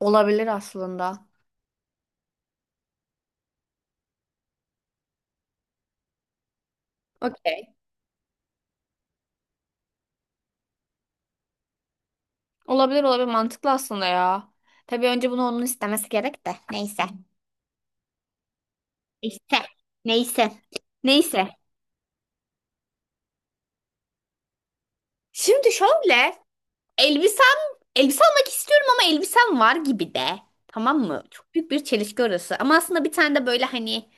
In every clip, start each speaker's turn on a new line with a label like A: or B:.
A: Olabilir aslında. Okey. Olabilir olabilir mantıklı aslında ya. Tabii önce bunu onun istemesi gerek de. Neyse. İşte. Neyse. Neyse. Şimdi şöyle. Elbisem, elbise almak istiyorum ama elbisem var gibi de. Tamam mı? Çok büyük bir çelişki orası. Ama aslında bir tane de böyle hani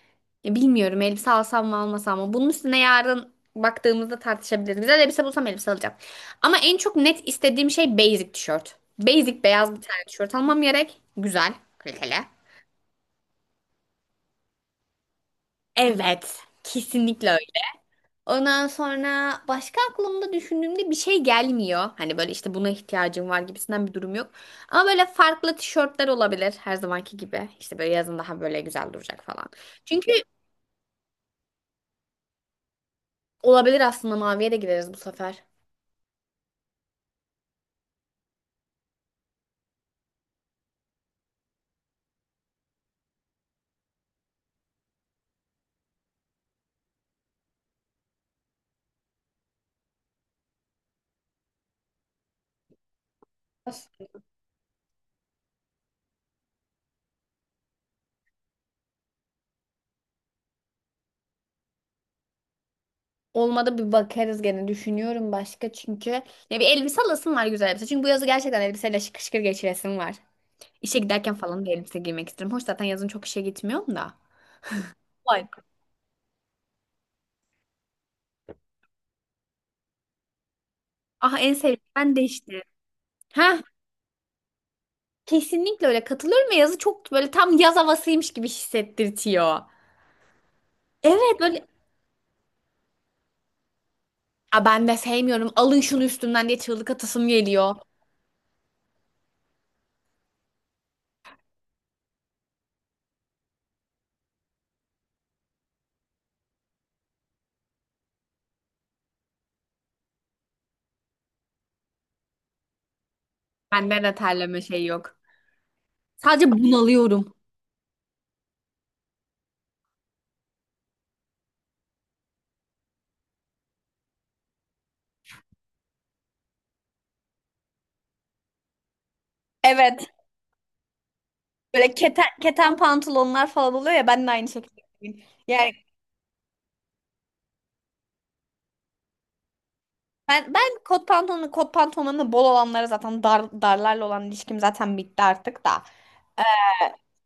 A: ya bilmiyorum elbise alsam mı almasam mı. Bunun üstüne yarın baktığımızda tartışabiliriz. Güzel elbise bulsam elbise alacağım. Ama en çok net istediğim şey basic tişört. Basic beyaz bir tane tişört almam gerek. Güzel, kaliteli. Evet, kesinlikle. Ondan sonra başka aklımda düşündüğümde bir şey gelmiyor. Hani böyle işte buna ihtiyacım var gibisinden bir durum yok. Ama böyle farklı tişörtler olabilir her zamanki gibi. İşte böyle yazın daha böyle güzel duracak falan. Çünkü olabilir aslında maviye de gideriz bu sefer. Olmadı bir bakarız gene düşünüyorum başka çünkü. Ya bir elbise alasım var güzel elbise. Çünkü bu yazı gerçekten elbiseyle şıkır şıkır geçiresim var. İşe giderken falan bir elbise giymek istiyorum. Hoş zaten yazın çok işe gitmiyorum da. Vay. Ah en sevdiğim ben değişti. Kesinlikle öyle katılıyorum ve yazı çok böyle tam yaz havasıymış gibi hissettirtiyor. Evet böyle, "Aa, ben de sevmiyorum alın şunu üstümden" diye çığlık atasım geliyor. Bende de terleme şey yok. Sadece bunalıyorum. Evet. Böyle keten, keten pantolonlar falan oluyor ya ben de aynı şekilde. Yani ben kot pantolonlarını bol olanlara zaten dar, darlarla olan ilişkim zaten bitti artık da.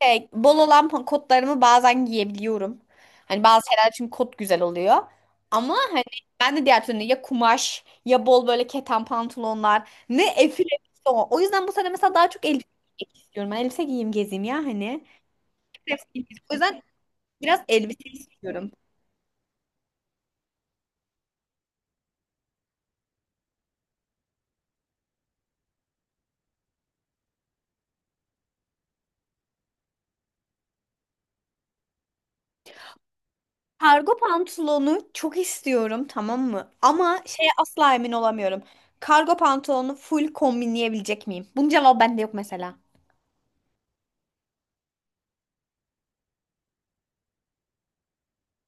A: E, bol olan kotlarımı bazen giyebiliyorum. Hani bazı şeyler için kot güzel oluyor. Ama hani ben de diğer türlü ya kumaş ya bol böyle keten pantolonlar ne efil elbise o. O yüzden bu sene mesela daha çok elbise giymek istiyorum. Ben elbise giyeyim gezeyim ya hani. O yüzden biraz elbise istiyorum. Kargo pantolonu çok istiyorum tamam mı? Ama şeye asla emin olamıyorum. Kargo pantolonu full kombinleyebilecek miyim? Bunun cevabı bende yok mesela.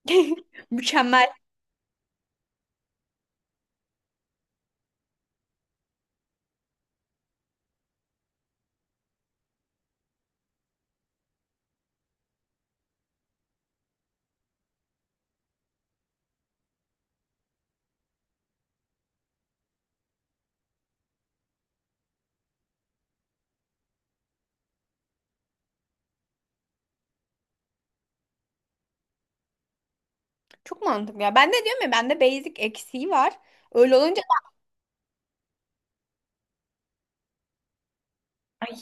A: Mükemmel. Çok mantıklı ya. Ben de diyorum ya bende basic eksiği var. Öyle olunca, ay,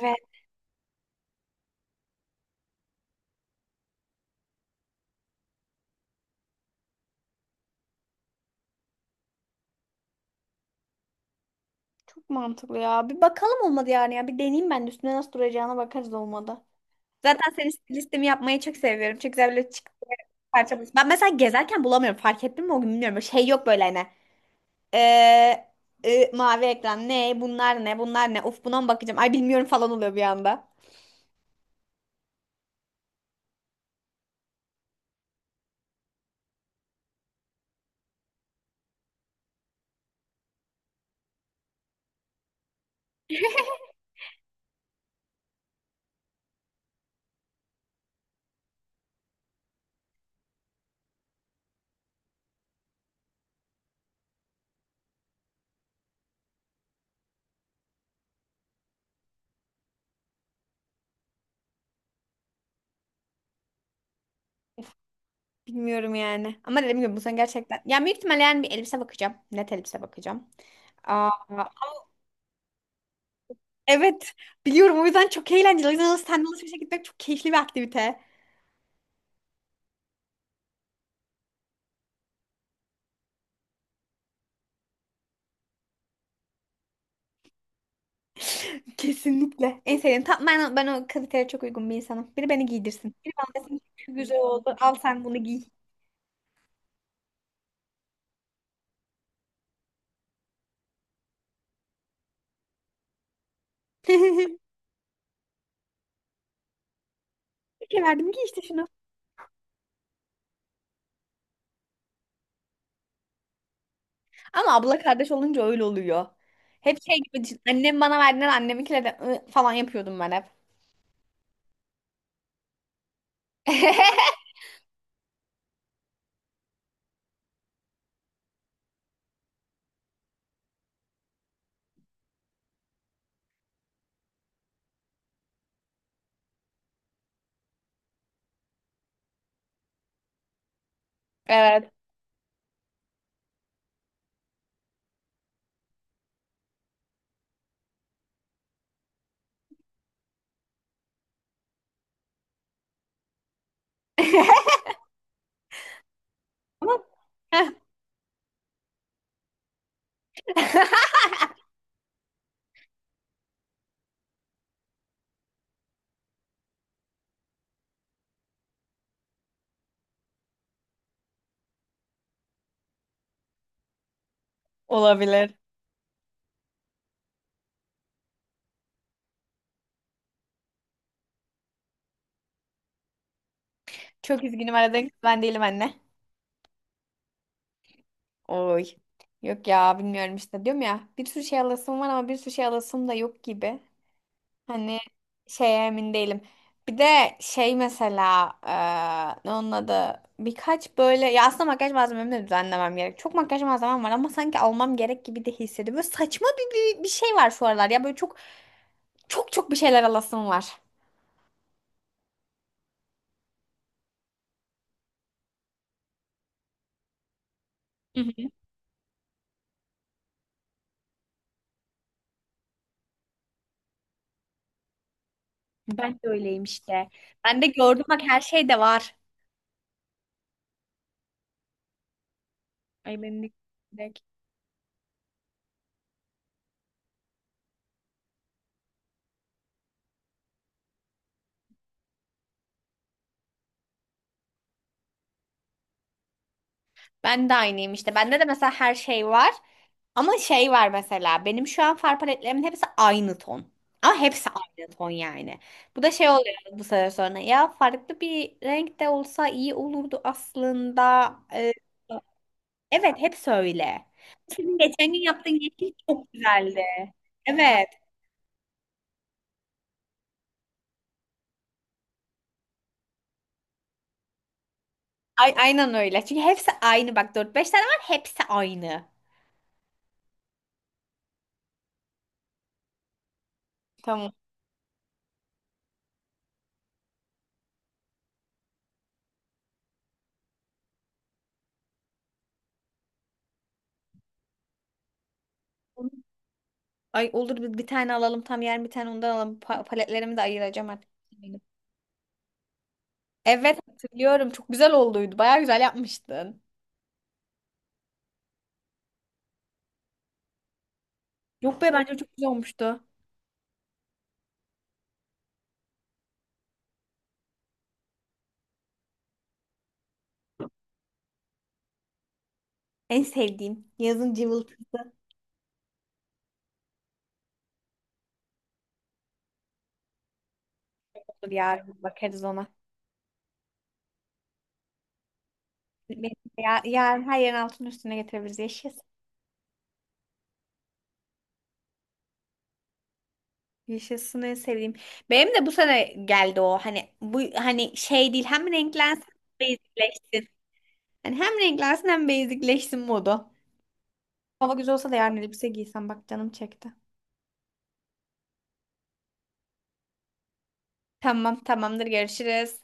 A: evet çok mantıklı ya. Bir bakalım olmadı yani ya. Bir deneyeyim ben de üstüne nasıl duracağına bakarız olmadı. Zaten senin stilistimi yapmayı çok seviyorum. Çok güzel böyle çık parça buluyorsun. Ben mesela gezerken bulamıyorum. Fark ettin mi o gün bilmiyorum. Böyle şey yok böyle hani. Ee, mavi ekran ne? Bunlar ne? Bunlar ne? Uf buna mı bakacağım? Ay bilmiyorum falan oluyor bir anda. Bilmiyorum yani. Ama dediğim gibi bu sene gerçekten. Ya büyük ihtimalle yani bir elbise bakacağım. Net elbise bakacağım. Aa, evet. Biliyorum o yüzden çok eğlenceli. O yüzden alışverişe alışverişe gitmek çok keyifli bir aktivite. Kesinlikle. En sevdiğim. Tam ben o kaliteye çok uygun bir insanım. Biri beni giydirsin. Biri bana desin ki şu güzel oldu. Al sen bunu giy. Peki verdim giy işte şunu. Ama abla kardeş olunca öyle oluyor. Hep şey gibi düşün, annem bana verdiler anneminkiyle de falan yapıyordum ben hep. Evet. Ama- Olabilir. Çok üzgünüm aradığın kız ben değilim anne. Oy. Yok ya bilmiyorum işte diyorum ya bir sürü şey alasım var ama bir sürü şey alasım da yok gibi. Hani şeye emin değilim. Bir de şey mesela ne onun adı birkaç böyle ya aslında makyaj malzememi de düzenlemem gerek. Çok makyaj malzemem var ama sanki almam gerek gibi de hissediyorum. Böyle saçma bir şey var şu aralar ya böyle çok çok çok bir şeyler alasım var. Hı hı. Ben de öyleyim işte. Ben de gördüm bak her şey de var. Ay benim de. Ben de aynıyım işte. Bende de mesela her şey var. Ama şey var mesela. Benim şu an far paletlerimin hepsi aynı ton. Ama hepsi aynı ton yani. Bu da şey oluyor bu sefer sonra. Ya farklı bir renk de olsa iyi olurdu aslında. Evet hepsi öyle. Senin geçen gün yaptığın yeşil çok güzeldi. Evet. Ay, aynen öyle. Çünkü hepsi aynı. Bak dört beş tane var hepsi aynı. Tamam. Ay olur bir tane alalım tam yer bir tane ondan alalım. Paletlerimi de ayıracağım artık. Evet hatırlıyorum. Çok güzel olduydu. Bayağı güzel yapmıştın. Yok be bence çok güzel olmuştu. En sevdiğim yazın cıvıltısı. Olur yarın bakarız ona. Benim de ya, yarın her yerin altının üstüne getirebiliriz. Yaşasın. Yaşasın en sevdiğim. Benim de bu sene geldi o. Hani bu hani şey değil. Hem renklensin hem basicleşsin. Hani hem renklensin hem basicleşsin modu. Hava güzel olsa da yarın elbise giysem bak canım çekti. Tamam tamamdır görüşürüz.